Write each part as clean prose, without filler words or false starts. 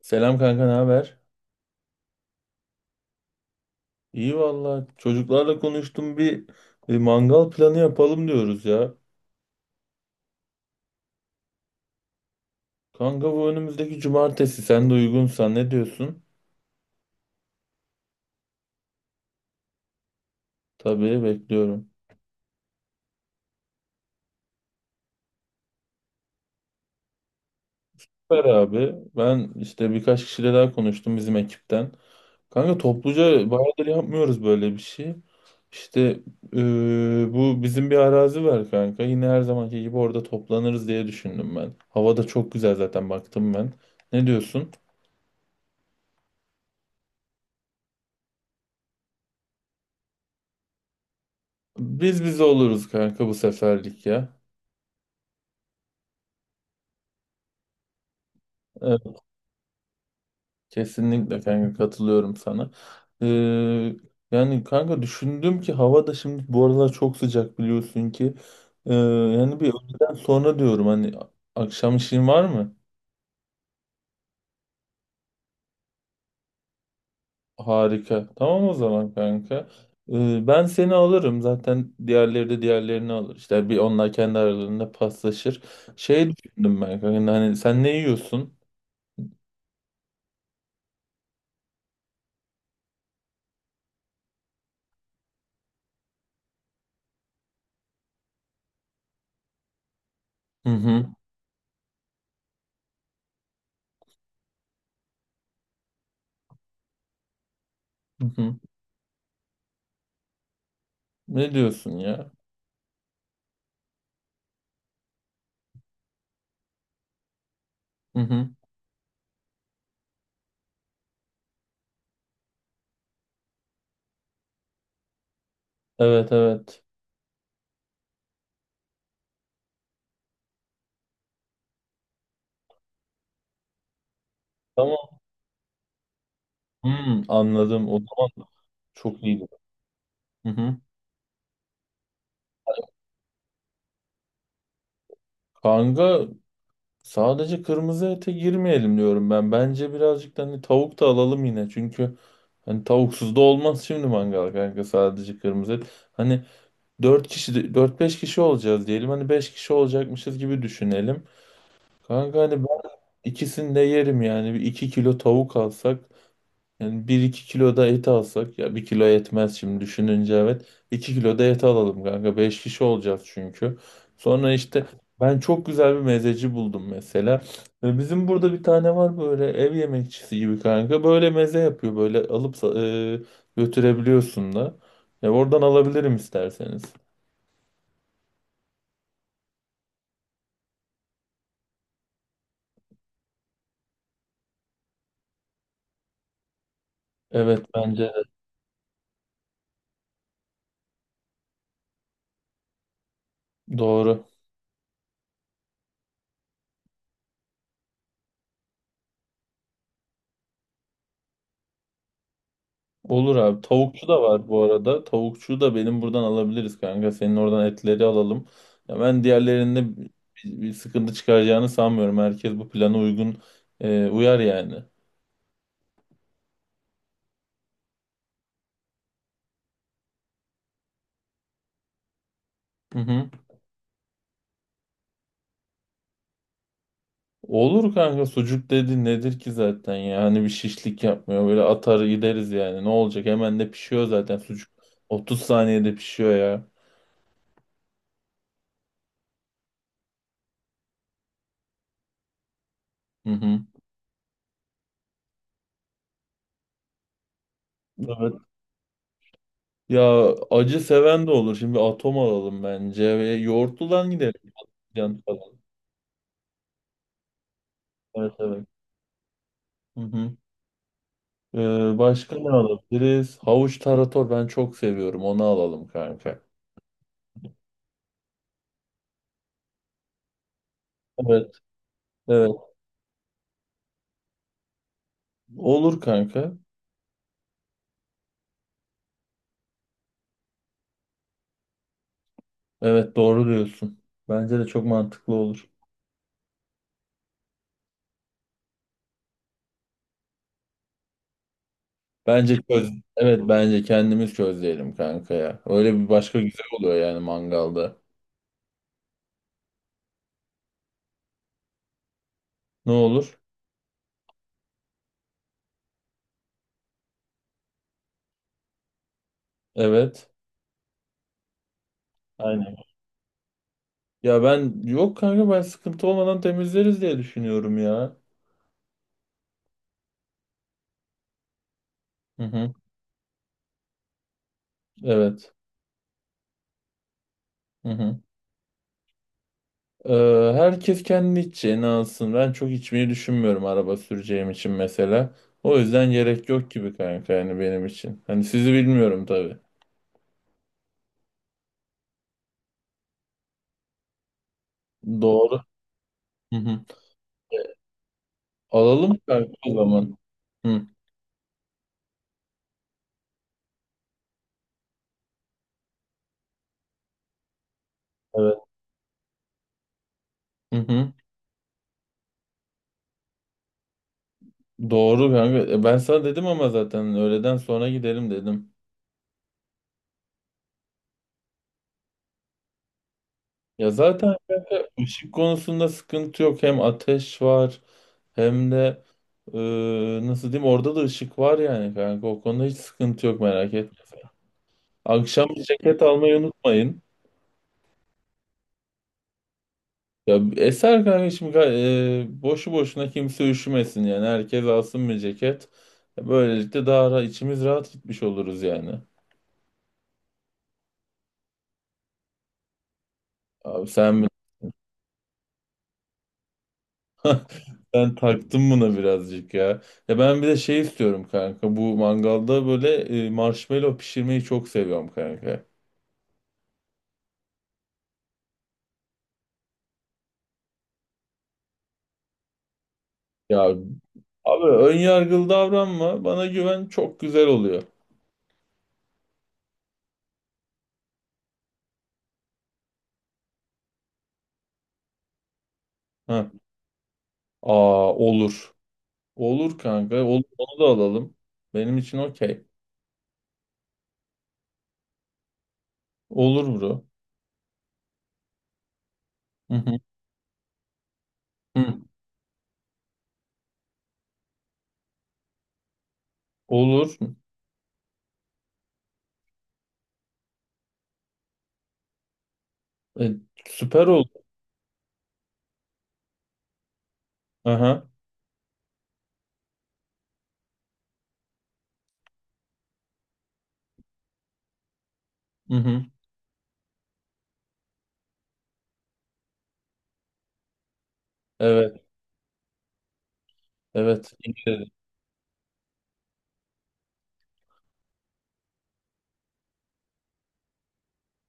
Selam kanka, ne haber? İyi valla. Çocuklarla konuştum bir mangal planı yapalım diyoruz ya. Kanka bu önümüzdeki cumartesi sen de uygunsan ne diyorsun? Tabii bekliyorum. Süper abi. Ben işte birkaç kişiyle daha konuştum bizim ekipten. Kanka topluca bayağıdır yapmıyoruz böyle bir şey. İşte eee, bu bizim bir arazi var kanka. Yine her zamanki gibi orada toplanırız diye düşündüm ben. Hava da çok güzel zaten baktım ben. Ne diyorsun? Biz oluruz kanka bu seferlik ya. Evet, kesinlikle kanka katılıyorum sana. Ee, yani kanka düşündüm ki hava da şimdi bu aralar çok sıcak biliyorsun ki. Yani bir öğleden sonra diyorum hani akşam işin var mı? Harika. Tamam o zaman kanka. Ben seni alırım zaten, diğerleri de diğerlerini alır. İşte bir onlar kendi aralarında paslaşır. Şey düşündüm ben kanka, hani sen ne yiyorsun? Hı hı. Hı hı. Ne diyorsun ya? Hı hı. Evet evet. Tamam. Hmm, anladım. O zaman çok iyiydi. Hı hı. Kanka sadece kırmızı ete girmeyelim diyorum ben. Bence birazcık da hani tavuk da alalım yine. Çünkü hani tavuksuz da olmaz şimdi mangal kanka, sadece kırmızı et. Hani 4-5 kişi olacağız diyelim. Hani 5 kişi olacakmışız gibi düşünelim. Kanka hani ben ikisini de yerim yani. Bir 2 kilo tavuk alsak. Yani bir iki kilo da et alsak ya, bir kilo yetmez şimdi düşününce, evet. 2 kilo da et alalım kanka. Beş kişi olacağız çünkü. Sonra işte ben çok güzel bir mezeci buldum mesela. Bizim burada bir tane var, böyle ev yemekçisi gibi kanka. Böyle meze yapıyor, böyle alıp götürebiliyorsun da. Ya oradan alabilirim isterseniz. Evet, bence de doğru. Olur abi. Tavukçu da var bu arada. Tavukçuyu da benim buradan alabiliriz kanka. Senin oradan etleri alalım. Ya ben diğerlerinde bir sıkıntı çıkaracağını sanmıyorum. Herkes bu plana uygun, uyar yani. Hı hı. Olur kanka, sucuk dedi nedir ki zaten ya, hani bir şişlik yapmıyor, böyle atar gideriz yani, ne olacak, hemen de pişiyor zaten sucuk, 30 saniyede pişiyor ya. Hı hı. Evet. Ya acı seven de olur şimdi, atom alalım bence ve yoğurtludan gidelim. Can falan. Evet evet. Hı hı. Başka ne alabiliriz? Havuç tarator ben çok seviyorum. Onu alalım kanka. Evet, evet. Olur kanka. Evet, doğru diyorsun. Bence de çok mantıklı olur. Bence çöz. Evet, bence kendimiz közleyelim kanka ya. Öyle bir başka güzel oluyor yani mangalda. Ne olur? Evet. Aynen. Ya ben yok kanka, ben sıkıntı olmadan temizleriz diye düşünüyorum ya. Hı hı. Evet. Hı hı. Herkes kendi içeceğini alsın. Ben çok içmeyi düşünmüyorum, araba süreceğim için mesela. O yüzden gerek yok gibi kanka, yani benim için. Hani sizi bilmiyorum tabii. Doğru. Hı hı. Alalım kanka o zaman. Hı, evet. Hı hı. Doğru kanka. Ben sana dedim ama zaten, öğleden sonra gidelim dedim. Ya zaten ışık konusunda sıkıntı yok. Hem ateş var, hem de e, nasıl diyeyim, orada da ışık var yani kanka. O konuda hiç sıkıntı yok, merak etme. Akşam bir ceket almayı unutmayın. Ya eser kanka, şimdi boşu boşuna kimse üşümesin yani. Herkes alsın bir ceket. Böylelikle daha içimiz rahat gitmiş oluruz yani. Abi sen ben taktım buna birazcık ya. Ya ben bir de şey istiyorum kanka. Bu mangalda böyle marshmallow pişirmeyi çok seviyorum kanka. Ya abi, ön yargılı davranma. Bana güven, çok güzel oluyor. Ha. Aa, olur. Olur kanka. Olur, onu da alalım. Benim için okey. Olur bro. Hı hı. Hı. Olur. E, süper oldu. Aha. Hı hı. Evet. Evet. İyi.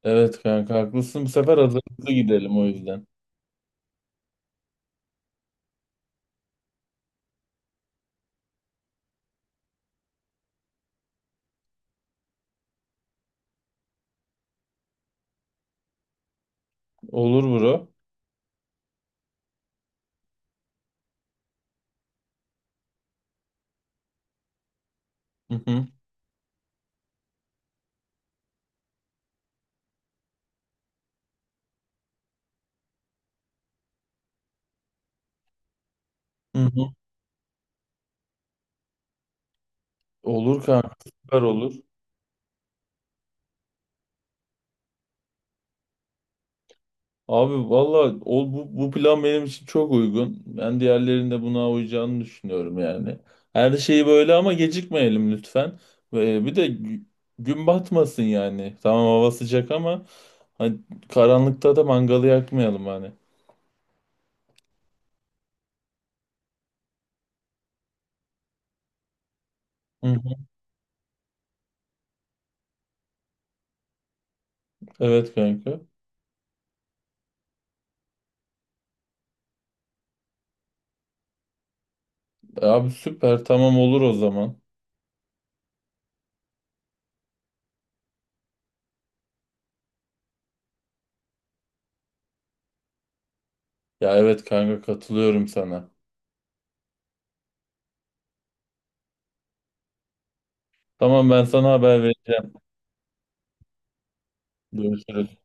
Evet kanka, haklısın. Bu sefer hazırlıklı gidelim o yüzden. Olur bro. Hı hı. Hı hı. Olur kanka. Süper olur. Abi valla bu plan benim için çok uygun. Ben diğerlerinin de buna uyacağını düşünüyorum yani. Her şeyi böyle, ama gecikmeyelim lütfen. Ve bir de gün batmasın yani. Tamam hava sıcak ama hani karanlıkta da mangalı yakmayalım hani. Hı hı. Evet kanka. E abi, süper. Tamam olur o zaman. Ya evet kanka, katılıyorum sana. Tamam, ben sana haber vereceğim. Görüşürüz.